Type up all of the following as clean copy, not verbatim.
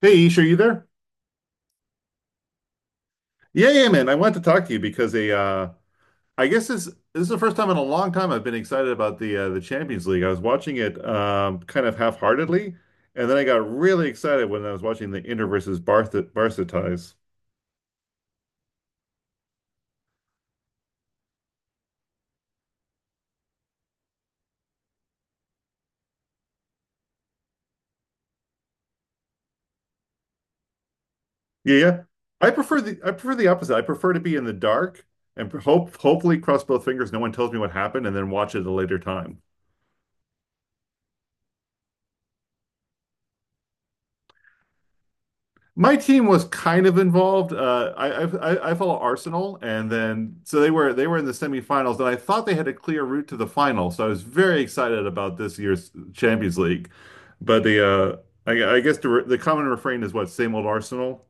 Hey, Ish, are you there? Yeah, yeah, man. I wanted to talk to you because a I guess this is the first time in a long time I've been excited about the Champions League. I was watching it kind of half-heartedly, and then I got really excited when I was watching the Inter versus Barca ties. Yeah, yeah. I prefer the opposite. I prefer to be in the dark and hopefully cross both fingers, no one tells me what happened, and then watch it at a later time. My team was kind of involved. I follow Arsenal, and then so they were in the semifinals, and I thought they had a clear route to the final. So I was very excited about this year's Champions League, but I guess the common refrain is, what, same old Arsenal.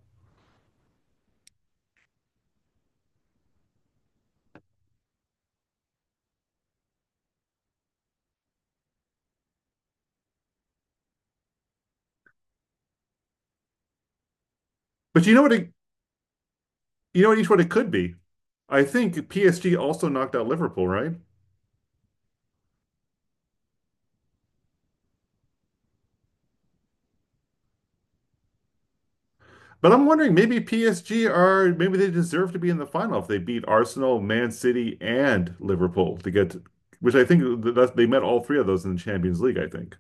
But you know what, each one it could be. I think PSG also knocked out Liverpool, right? But I'm wondering, maybe PSG are, maybe they deserve to be in the final if they beat Arsenal, Man City, and Liverpool to get, which I think that they met all three of those in the Champions League, I think.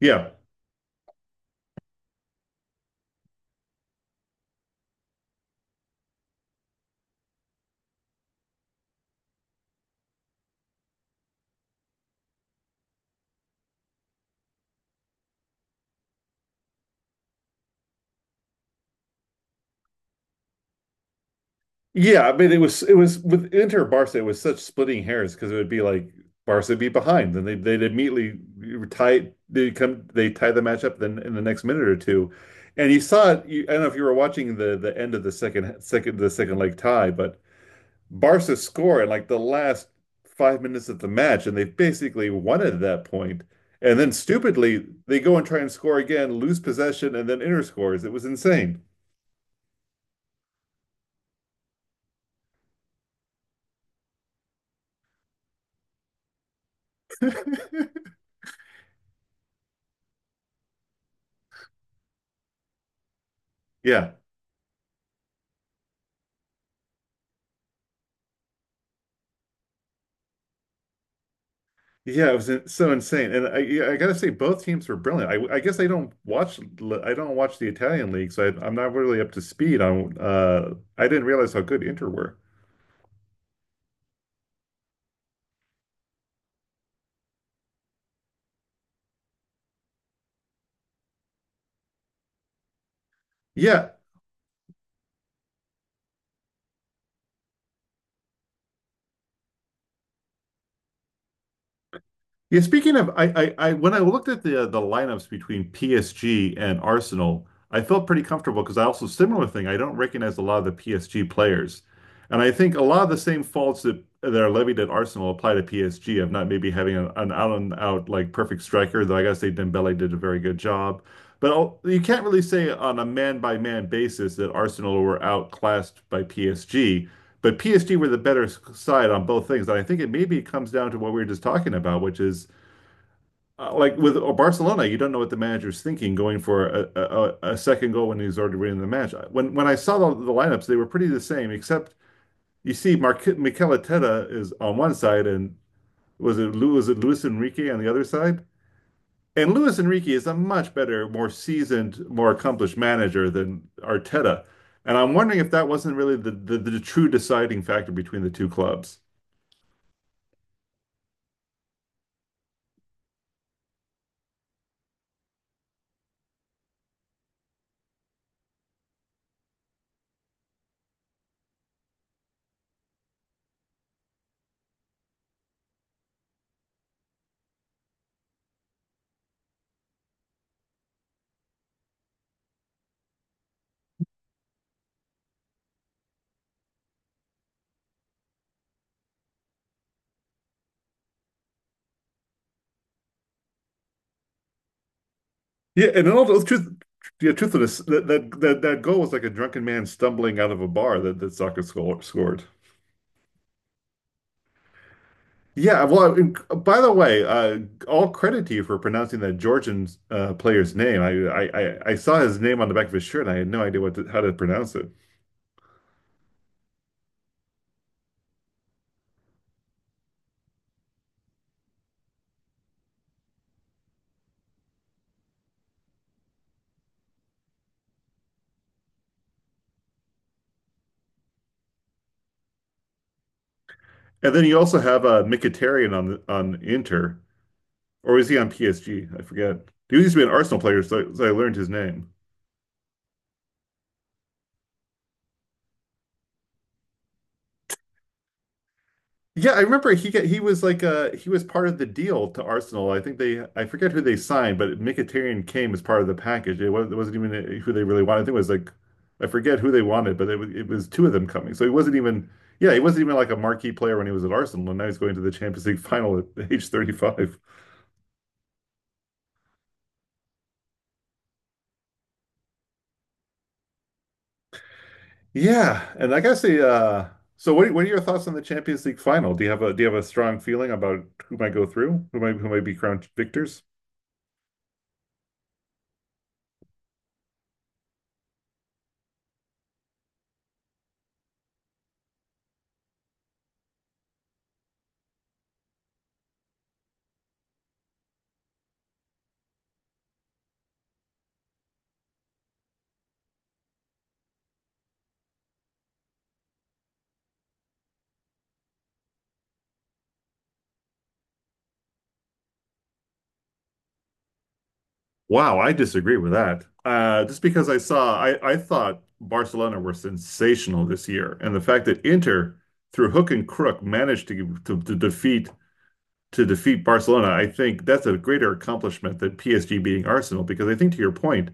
Yeah. Yeah, I mean it was with Inter Barca, it was such splitting hairs because it would be like Barca would be behind, then they'd immediately tie they come they tie the match up then in the next minute or two. And you saw it, you, I don't know if you were watching the end of the second leg tie, but Barca score in like the last 5 minutes of the match, and they basically won it at that point. And then stupidly, they go and try and score again, lose possession, and then Inter scores. It was insane. Yeah. Yeah, so insane. And I gotta say both teams were brilliant. I don't watch the Italian league, so I'm not really up to speed on I didn't realize how good Inter were. Yeah, yeah, speaking of, I when I looked at the lineups between PSG and Arsenal, I felt pretty comfortable because I, also similar thing. I don't recognize a lot of the PSG players, and I think a lot of the same faults that are levied at Arsenal apply to PSG of not maybe having an out and out like perfect striker. Though I gotta say Dembele did a very good job, but you can't really say on a man by man basis that Arsenal were outclassed by PSG, but PSG were the better side on both things. And I think it maybe comes down to what we were just talking about, which is, like with Barcelona, you don't know what the manager's thinking going for a second goal when he's already winning the match. When I saw the lineups, they were pretty the same, except you see Mikel Arteta is on one side, and was it Luis Enrique on the other side? And Luis Enrique is a much better, more seasoned, more accomplished manager than Arteta. And I'm wondering if that wasn't really the true deciding factor between the two clubs. Yeah, and in all the truth, yeah, truthfulness, that goal was like a drunken man stumbling out of a bar that soccer scored. Yeah, well, and by the way, all credit to you for pronouncing that Georgian player's name. I saw his name on the back of his shirt, and I had no idea how to pronounce it. And then you also have Mkhitaryan on Inter, or is he on PSG? I forget. He used to be an Arsenal player, so I learned his name. Yeah, I remember he was like he was part of the deal to Arsenal. I forget who they signed, but Mkhitaryan came as part of the package. It wasn't even, who they really wanted. I think it was like I forget who they wanted, but it was two of them coming. So he wasn't even like a marquee player when he was at Arsenal, and now he's going to the Champions League final at age 35. Yeah, and I gotta say, so what are your thoughts on the Champions League final? Do you have a do you have a strong feeling about who might go through, who might be crowned victors? Wow, I disagree with that. Just because I thought Barcelona were sensational this year, and the fact that Inter, through hook and crook, managed to defeat Barcelona, I think that's a greater accomplishment than PSG beating Arsenal. Because I think, to your point,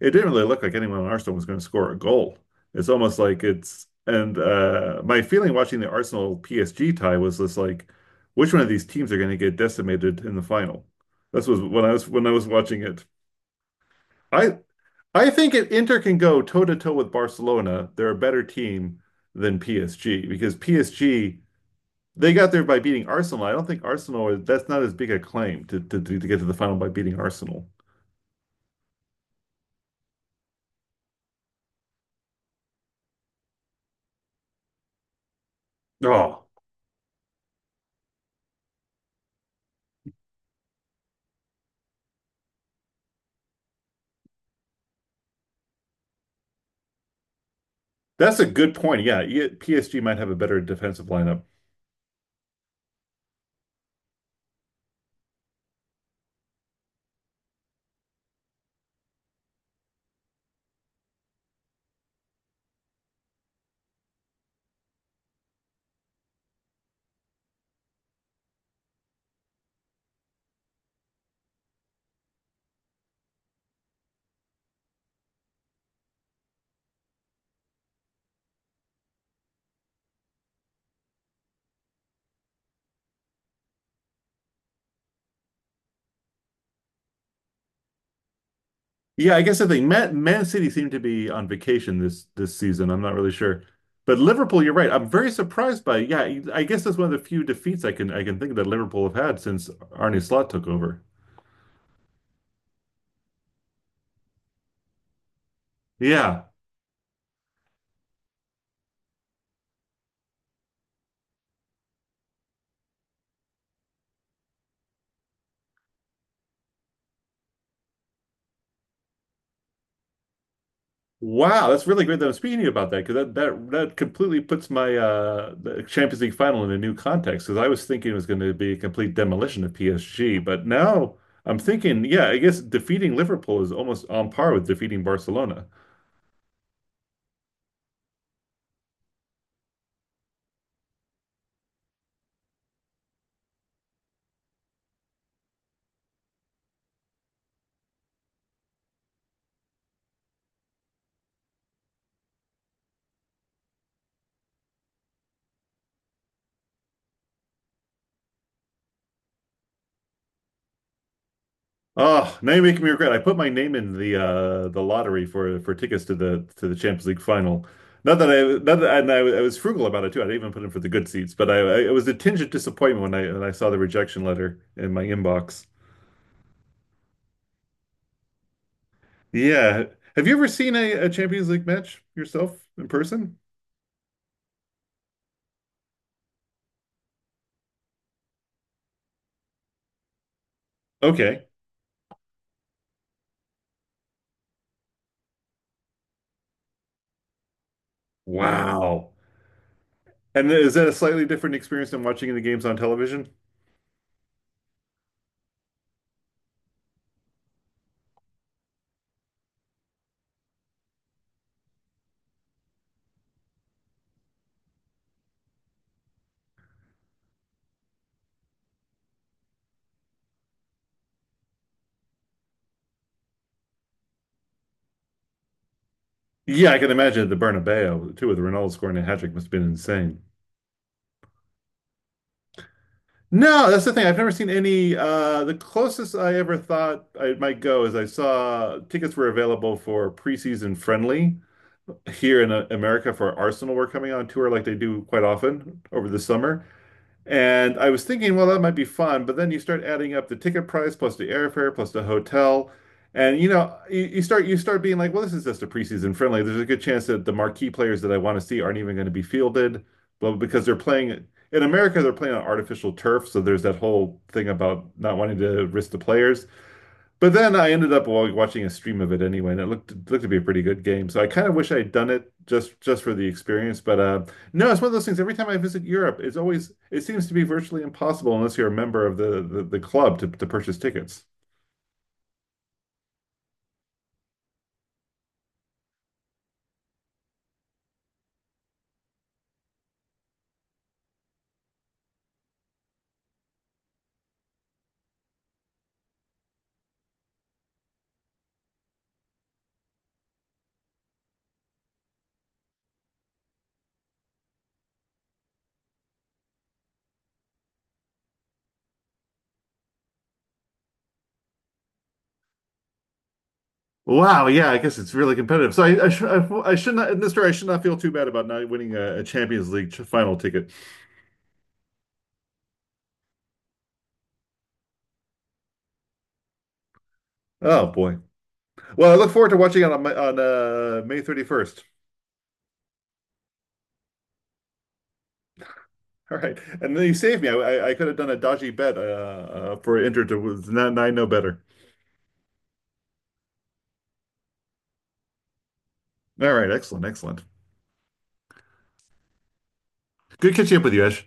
it didn't really look like anyone on Arsenal was going to score a goal. It's almost like it's and My feeling watching the Arsenal PSG tie was this, like, which one of these teams are going to get decimated in the final? This was when I was watching it. I I think if Inter can go toe to toe with Barcelona, they're a better team than PSG because PSG, they got there by beating Arsenal. I don't think Arsenal is that's not as big a claim to get to the final by beating Arsenal. Oh, that's a good point. Yeah, yeah, PSG might have a better defensive lineup. Yeah, I guess the thing, Man City seemed to be on vacation this season. I'm not really sure. But Liverpool, you're right. I'm very surprised by Yeah, I guess that's one of the few defeats I can think that Liverpool have had since Arne Slot took over. Yeah. Wow, that's really great that I'm speaking to you about that because that completely puts my the Champions League final in a new context because I was thinking it was going to be a complete demolition of PSG, but now I'm thinking, yeah, I guess defeating Liverpool is almost on par with defeating Barcelona. Oh, now you're making me regret. I put my name in the lottery for tickets to the Champions League final. Not that, and I was frugal about it too. I didn't even put in for the good seats, but I it was a tinge of disappointment when I saw the rejection letter in my inbox. Yeah. Have you ever seen a Champions League match yourself in person? Okay. No. Wow. And is that a slightly different experience than watching the games on television? Yeah, I can imagine the Bernabeu too, with Ronaldo scoring a hat trick must have been insane. No, that's the thing. I've never seen any. The closest I ever thought I might go is I saw tickets were available for preseason friendly here in America, for Arsenal were coming on tour like they do quite often over the summer. And I was thinking, well, that might be fun, but then you start adding up the ticket price plus the airfare plus the hotel, and you start being like, well, this is just a preseason friendly. There's a good chance that the marquee players that I want to see aren't even going to be fielded, well, because they're playing in America, they're playing on artificial turf, so there's that whole thing about not wanting to risk the players. But then I ended up watching a stream of it anyway, and it looked to be a pretty good game. So I kind of wish I'd done it just for the experience. But no, it's one of those things. Every time I visit Europe, it seems to be virtually impossible unless you're a member of the club to purchase tickets. Wow, yeah, I guess it's really competitive. So I should not, in this story, I should not feel too bad about not winning a Champions League final ticket. Oh boy. Well, I look forward to watching it on May 31st. All right. And then you saved me. I could have done a dodgy bet for Inter to, and I know better. All right. Excellent. Excellent. Good catching up with you, Ash.